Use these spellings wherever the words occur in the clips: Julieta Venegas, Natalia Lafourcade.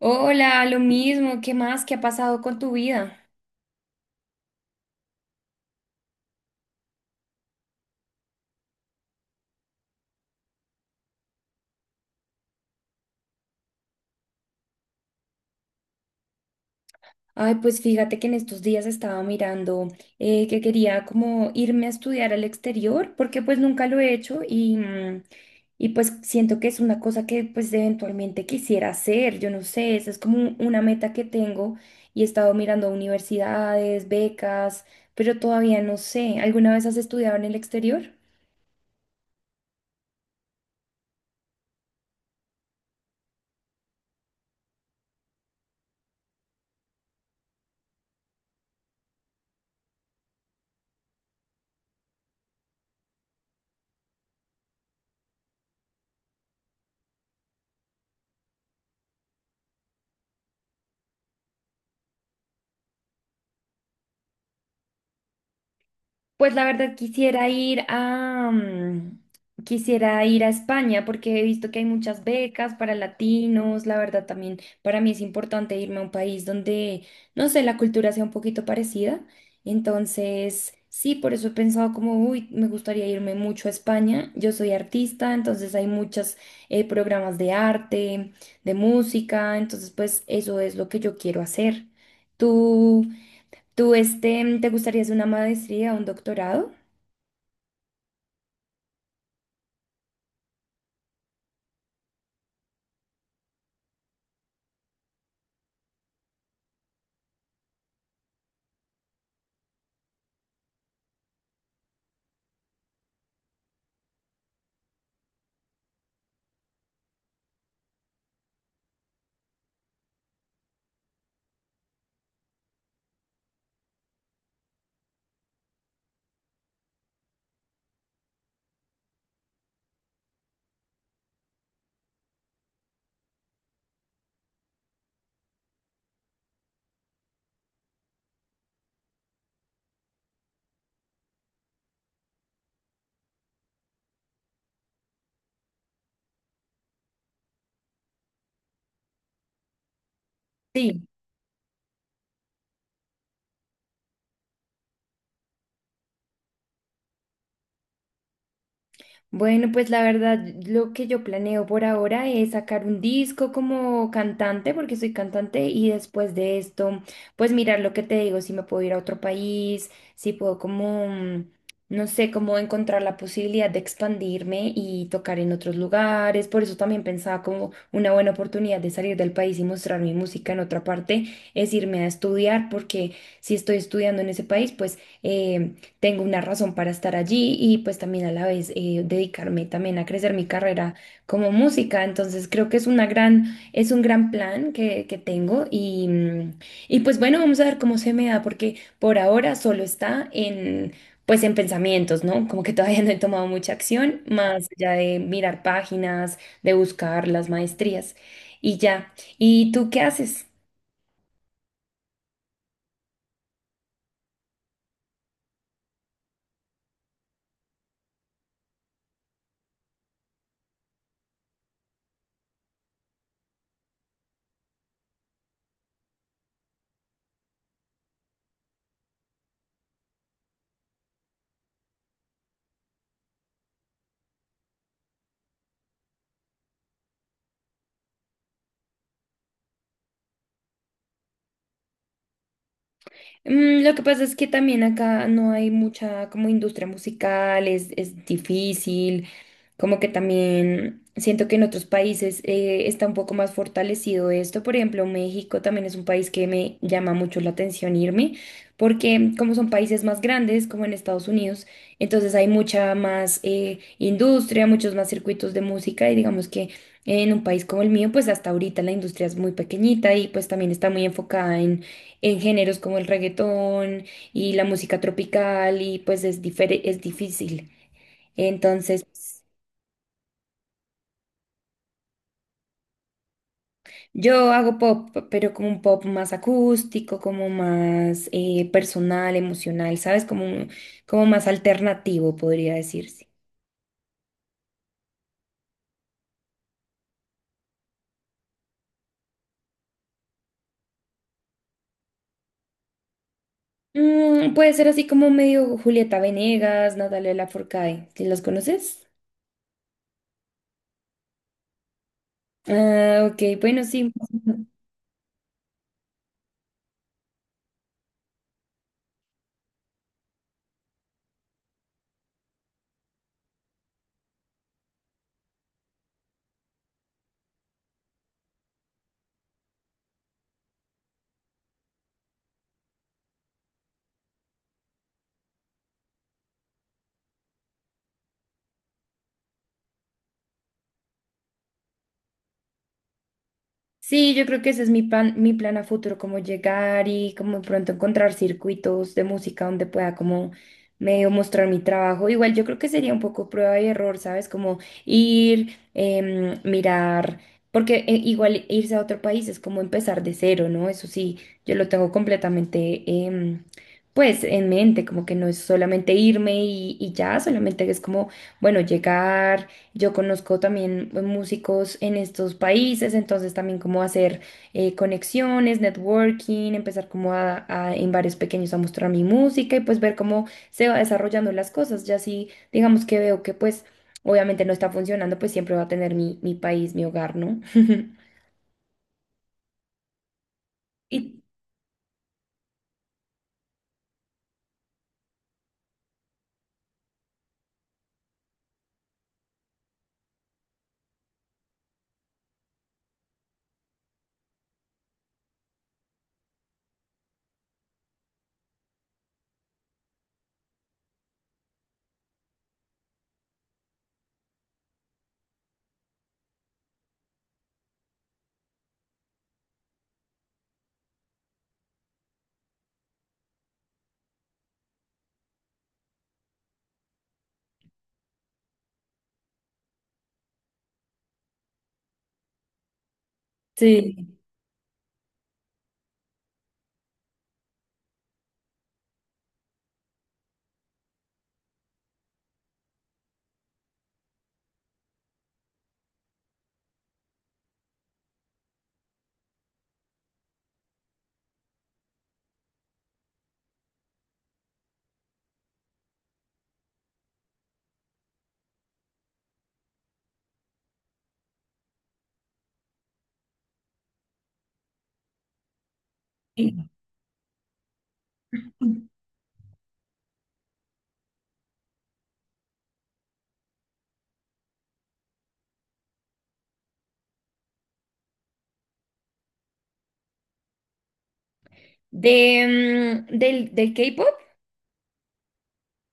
Hola, lo mismo, ¿qué más? ¿Qué ha pasado con tu vida? Ay, pues fíjate que en estos días estaba mirando que quería como irme a estudiar al exterior, porque pues nunca lo he hecho y pues siento que es una cosa que pues eventualmente quisiera hacer, yo no sé, esa es como una meta que tengo y he estado mirando universidades, becas, pero todavía no sé. ¿Alguna vez has estudiado en el exterior? Pues la verdad quisiera quisiera ir a España porque he visto que hay muchas becas para latinos. La verdad también para mí es importante irme a un país donde, no sé, la cultura sea un poquito parecida. Entonces, sí, por eso he pensado como, uy, me gustaría irme mucho a España. Yo soy artista, entonces hay muchos programas de arte, de música. Entonces, pues eso es lo que yo quiero hacer. ¿Tú? ¿Tú este, te gustaría hacer una maestría, un doctorado? Sí. Bueno, pues la verdad, lo que yo planeo por ahora es sacar un disco como cantante, porque soy cantante, y después de esto, pues mirar lo que te digo, si me puedo ir a otro país, si puedo no sé, como encontrar la posibilidad de expandirme y tocar en otros lugares. Por eso también pensaba como una buena oportunidad de salir del país y mostrar mi música en otra parte, es irme a estudiar, porque si estoy estudiando en ese país, tengo una razón para estar allí y pues también a la vez dedicarme también a crecer mi carrera como música. Entonces creo que es una gran, es un gran plan que tengo y pues bueno, vamos a ver cómo se me da porque por ahora solo está en... Pues en pensamientos, ¿no? Como que todavía no he tomado mucha acción, más allá de mirar páginas, de buscar las maestrías y ya. ¿Y tú qué haces? Mm, lo que pasa es que también acá no hay mucha como industria musical, es difícil, como que también siento que en otros países está un poco más fortalecido esto. Por ejemplo, México también es un país que me llama mucho la atención irme, porque como son países más grandes, como en Estados Unidos, entonces hay mucha más industria, muchos más circuitos de música y digamos que en un país como el mío, pues hasta ahorita la industria es muy pequeñita y pues también está muy enfocada en géneros como el reggaetón y la música tropical y pues es, es difícil. Entonces... Yo hago pop, pero como un pop más acústico, como más personal, emocional, ¿sabes? Como, como más alternativo, podría decirse. Mm, puede ser así como medio Julieta Venegas, Natalia Lafourcade, ¿sí? ¿Los conoces? Ah, ok, bueno, sí. Sí, yo creo que ese es mi plan a futuro, como llegar y como de pronto encontrar circuitos de música donde pueda como medio mostrar mi trabajo. Igual yo creo que sería un poco prueba y error, ¿sabes? Como ir, em, mirar, porque igual irse a otro país es como empezar de cero, ¿no? Eso sí, yo lo tengo completamente, pues, en mente, como que no es solamente irme y ya, solamente es como, bueno, llegar. Yo conozco también pues, músicos en estos países, entonces también como hacer conexiones, networking, empezar como en bares pequeños a mostrar mi música y pues ver cómo se va desarrollando las cosas. Ya si digamos que veo que pues obviamente no está funcionando, pues siempre va a tener mi país, mi hogar, ¿no? Y sí. y- De, del K-pop.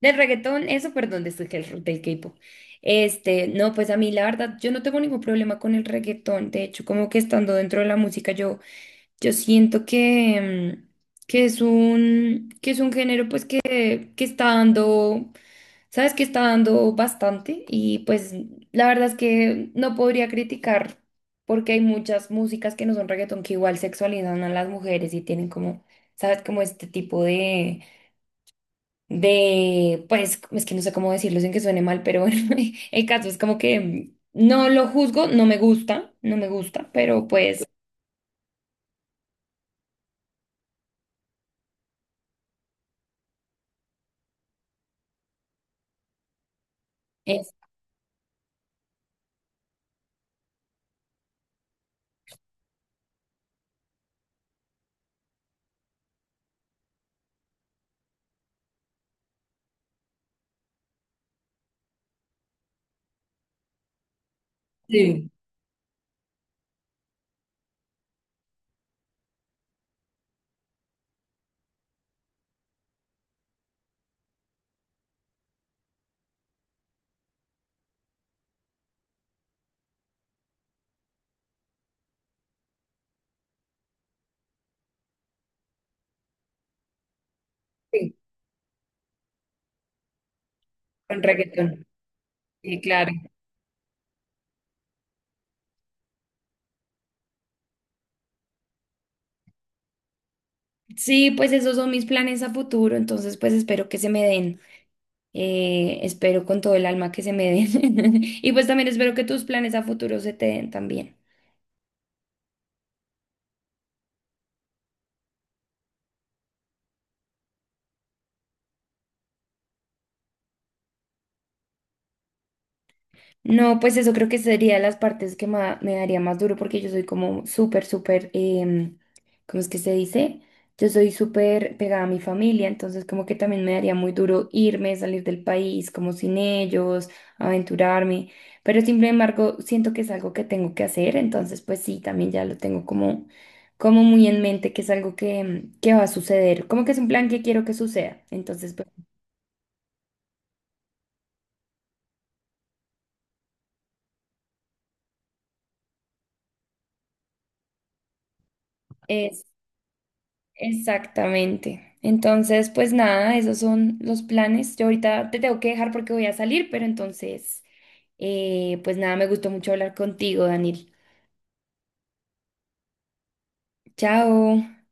Del reggaetón, eso, perdón, de esto que del K-pop. Este, no, pues a mí la verdad, yo no tengo ningún problema con el reggaetón. De hecho, como que estando dentro de la música, yo siento que es un género, pues, que está dando, sabes, que está dando bastante. Y pues, la verdad es que no podría criticar, porque hay muchas músicas que no son reggaetón que igual sexualizan a las mujeres y tienen como, sabes, como este tipo de, pues, es que no sé cómo decirlo sin que suene mal, pero bueno, el caso es como que no lo juzgo, no me gusta, no me gusta, pero pues, es, sí, con reggaetón. Sí, claro. Sí, pues esos son mis planes a futuro, entonces pues espero que se me den, espero con todo el alma que se me den. Y pues también espero que tus planes a futuro se te den también. No, pues eso creo que sería las partes que me daría más duro porque yo soy como súper, súper, ¿cómo es que se dice? Yo soy súper pegada a mi familia, entonces como que también me daría muy duro irme, salir del país como sin ellos, aventurarme, pero sin embargo siento que es algo que tengo que hacer, entonces pues sí, también ya lo tengo como, como muy en mente que es algo que va a suceder, como que es un plan que quiero que suceda, entonces pues... Exactamente. Entonces, pues nada, esos son los planes. Yo ahorita te tengo que dejar porque voy a salir, pero entonces, pues nada, me gustó mucho hablar contigo, Daniel. Chao.